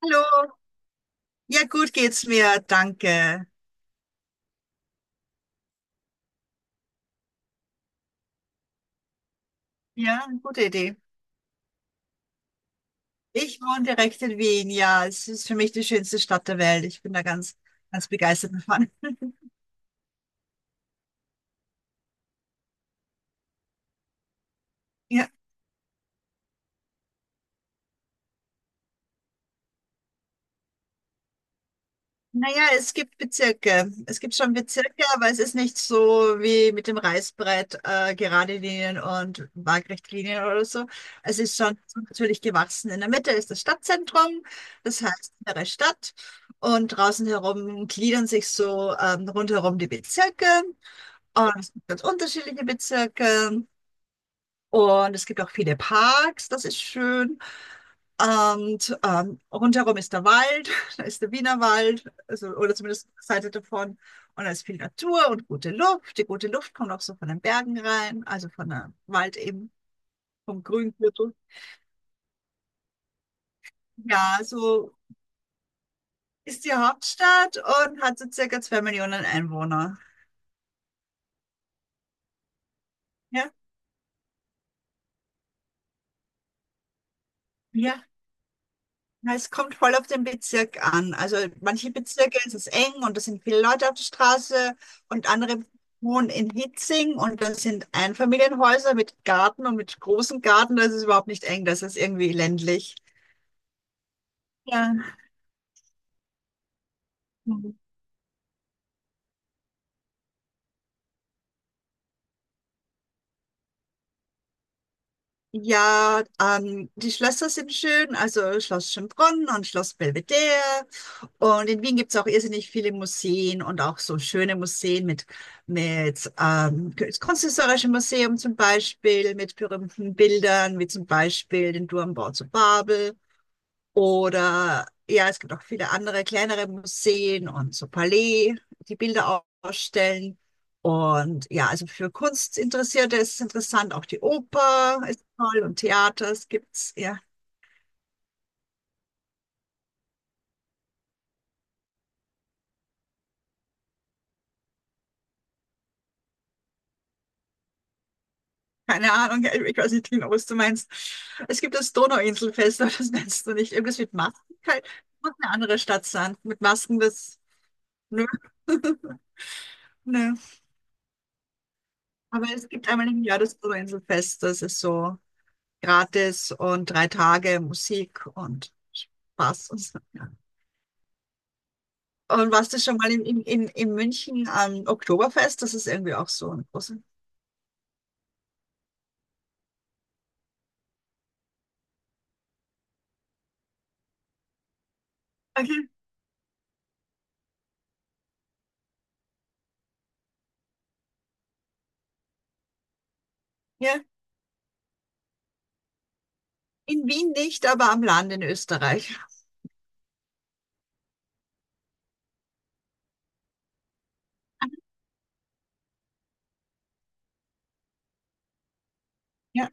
Hallo, ja gut geht's mir, danke. Ja, gute Idee. Ich wohne direkt in Wien, ja, es ist für mich die schönste Stadt der Welt. Ich bin da ganz, ganz begeistert davon. Ja, naja, es gibt Bezirke. Es gibt schon Bezirke, aber es ist nicht so wie mit dem Reißbrett, gerade Linien und Waagrechtlinien oder so. Es ist schon natürlich gewachsen. In der Mitte ist das Stadtzentrum, das heißt innere Stadt. Und draußen herum gliedern sich so rundherum die Bezirke. Und es gibt ganz unterschiedliche Bezirke. Und es gibt auch viele Parks, das ist schön. Und rundherum ist der Wald, da ist der Wiener Wald, also, oder zumindest eine Seite davon. Und da ist viel Natur und gute Luft. Die gute Luft kommt auch so von den Bergen rein, also von der Wald eben, vom Grüngürtel. Ja, so ist die Hauptstadt und hat so circa 2 Millionen Einwohner. Ja, ja, na, es kommt voll auf den Bezirk an. Also manche Bezirke ist es eng und da sind viele Leute auf der Straße und andere wohnen in Hitzing und das sind Einfamilienhäuser mit Garten und mit großem Garten. Das ist überhaupt nicht eng, das ist irgendwie ländlich. Ja. Ja, die Schlösser sind schön, also Schloss Schönbrunn und Schloss Belvedere. Und in Wien gibt es auch irrsinnig viele Museen und auch so schöne Museen mit das Kunsthistorische Museum zum Beispiel, mit berühmten Bildern, wie zum Beispiel den Turmbau zu Babel. Oder ja, es gibt auch viele andere kleinere Museen und so Palais, die Bilder ausstellen. Und ja, also für Kunstinteressierte ist es interessant, auch die Oper ist toll und Theater, es gibt's, ja. Keine Ahnung, ja, ich weiß nicht genau, was du meinst. Es gibt das Donauinselfest, aber das meinst du nicht. Irgendwas mit Masken halt. Muss eine andere Stadt sein. Mit Masken, das. Nö. Nö. Aber es gibt einmal im Jahr das Donauinselfest. Das ist so gratis und 3 Tage Musik und Spaß und so. Ja. Und warst du schon mal in München am Oktoberfest? Das ist irgendwie auch so eine große. Okay. Ja. In Wien nicht, aber am Land in Österreich. Ja.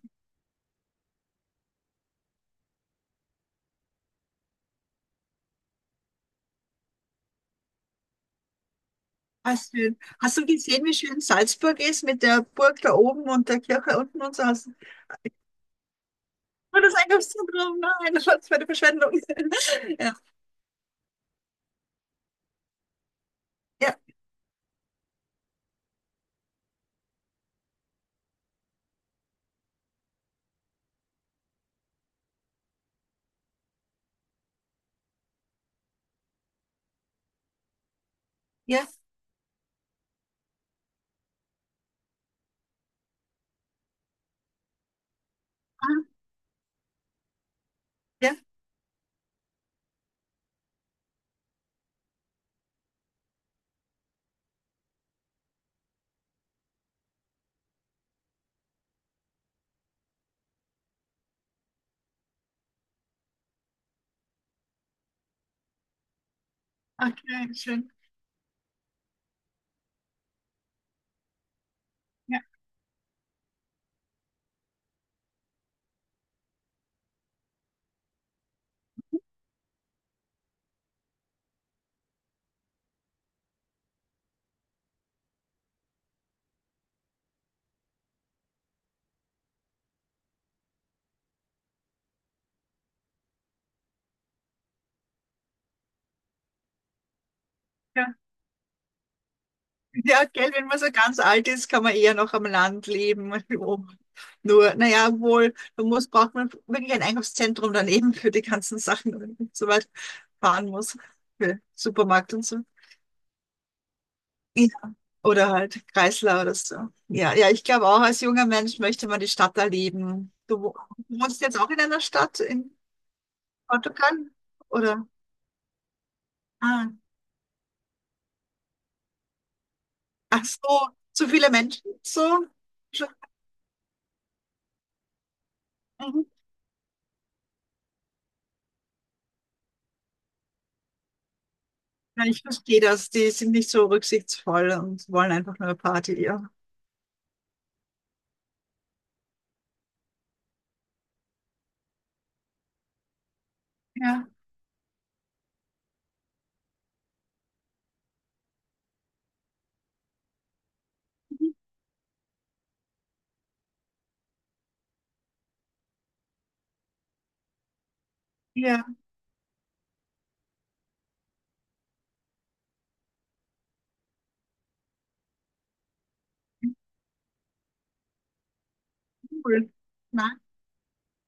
Ah, schön. Hast du gesehen, wie schön Salzburg ist mit der Burg da oben und der Kirche unten und so? Hast du. Oh, das Einkaufszentrum? Nein, das war eine Verschwendung. Ja, ja, ja, ah, ja, okay, schön. Ja, ja. Ja, gell, wenn man so ganz alt ist, kann man eher noch am Land leben. Nur, naja, wohl, braucht man wirklich ein Einkaufszentrum daneben für die ganzen Sachen, wenn man so weit fahren muss, für Supermarkt und so. Ja, oder halt Kreisler oder so. Ja, ja, ich glaube auch, als junger Mensch möchte man die Stadt erleben. Du wohnst jetzt auch in einer Stadt in Portugal? Oder? Ah, ach so, zu viele Menschen? So? Schon- Mhm. Ja, ich verstehe das. Die sind nicht so rücksichtsvoll und wollen einfach nur Party. Ja, ja, mhm, ja, cool. Nein,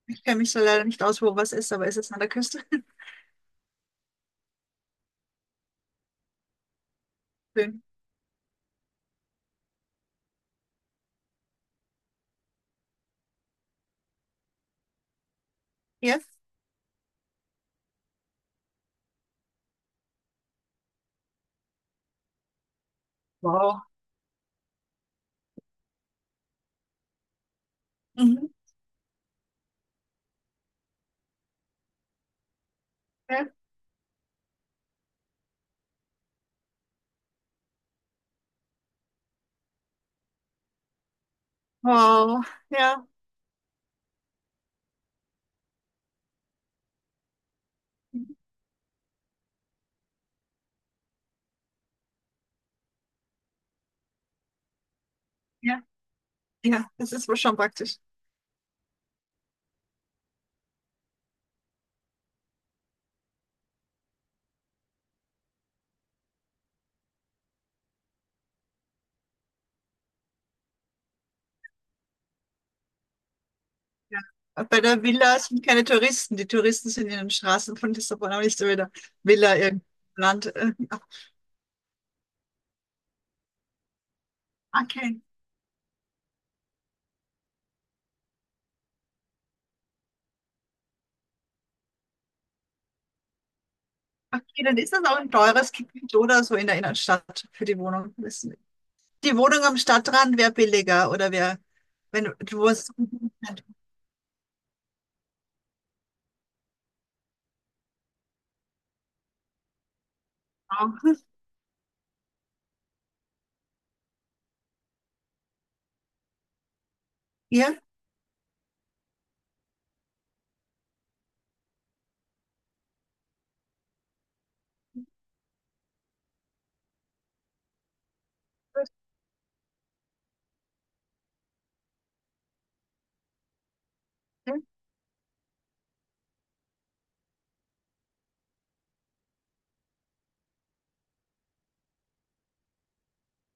ich kenne mich so leider nicht aus, wo was ist, aber ist es an der Küste? Schön. Ja. Wow. Mhm. Ja. Wow. Ja. Mhm. Ja. Ja, das ist wohl schon praktisch. Ja. Bei der Villa sind keine Touristen. Die Touristen sind in den Straßen von Lissabon, aber nicht so wieder Villa irgendein Land. Ja. Okay. Okay, dann ist das auch ein teures Gebiet oder so in der Innenstadt für die Wohnung. Die Wohnung am Stadtrand wäre billiger oder wäre, wenn du wohnst. Ja,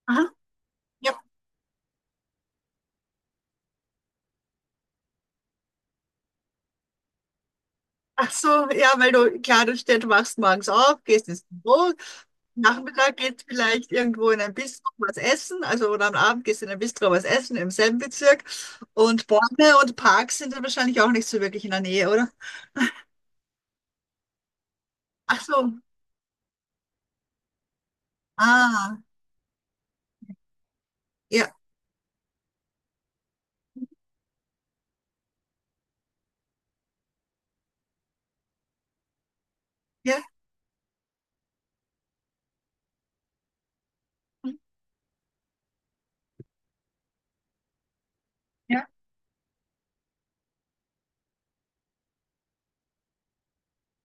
aha, ja, ach so, ja, weil du, klar, du stehst, wachst morgens auf, gehst ins Büro, Nachmittag geht vielleicht irgendwo in ein Bistro was essen, also oder am Abend gehst du in ein Bistro was essen im selben Bezirk. Und Bäume und Parks sind dann wahrscheinlich auch nicht so wirklich in der Nähe, oder? Ach so, ah, ja, ja, mhm, ja,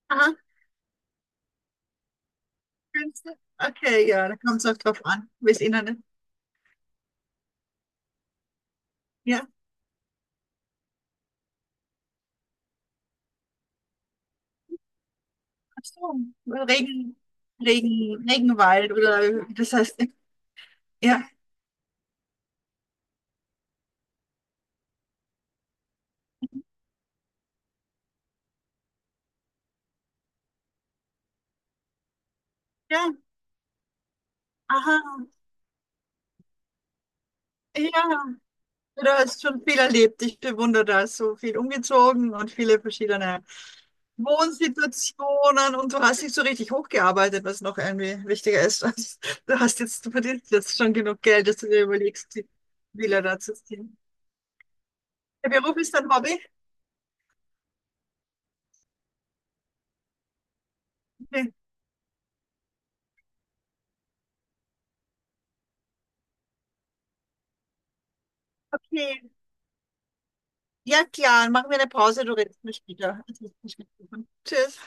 aha, findest okay, ja, da kommt es auch drauf an, wie es innen. Ja, ach so, Regen, Regenwald oder das heißt, ja, ja, aha, ja. Du hast schon viel erlebt. Ich bewundere das. So viel umgezogen und viele verschiedene Wohnsituationen. Und du hast dich so richtig hochgearbeitet, was noch irgendwie wichtiger ist. Also, du verdienst jetzt schon genug Geld, dass du dir überlegst, die Villa da zu ziehen. Der Beruf ist dein Hobby? Nee. Okay. Ja, klar. Machen wir eine Pause. Du redest mich wieder. Tschüss.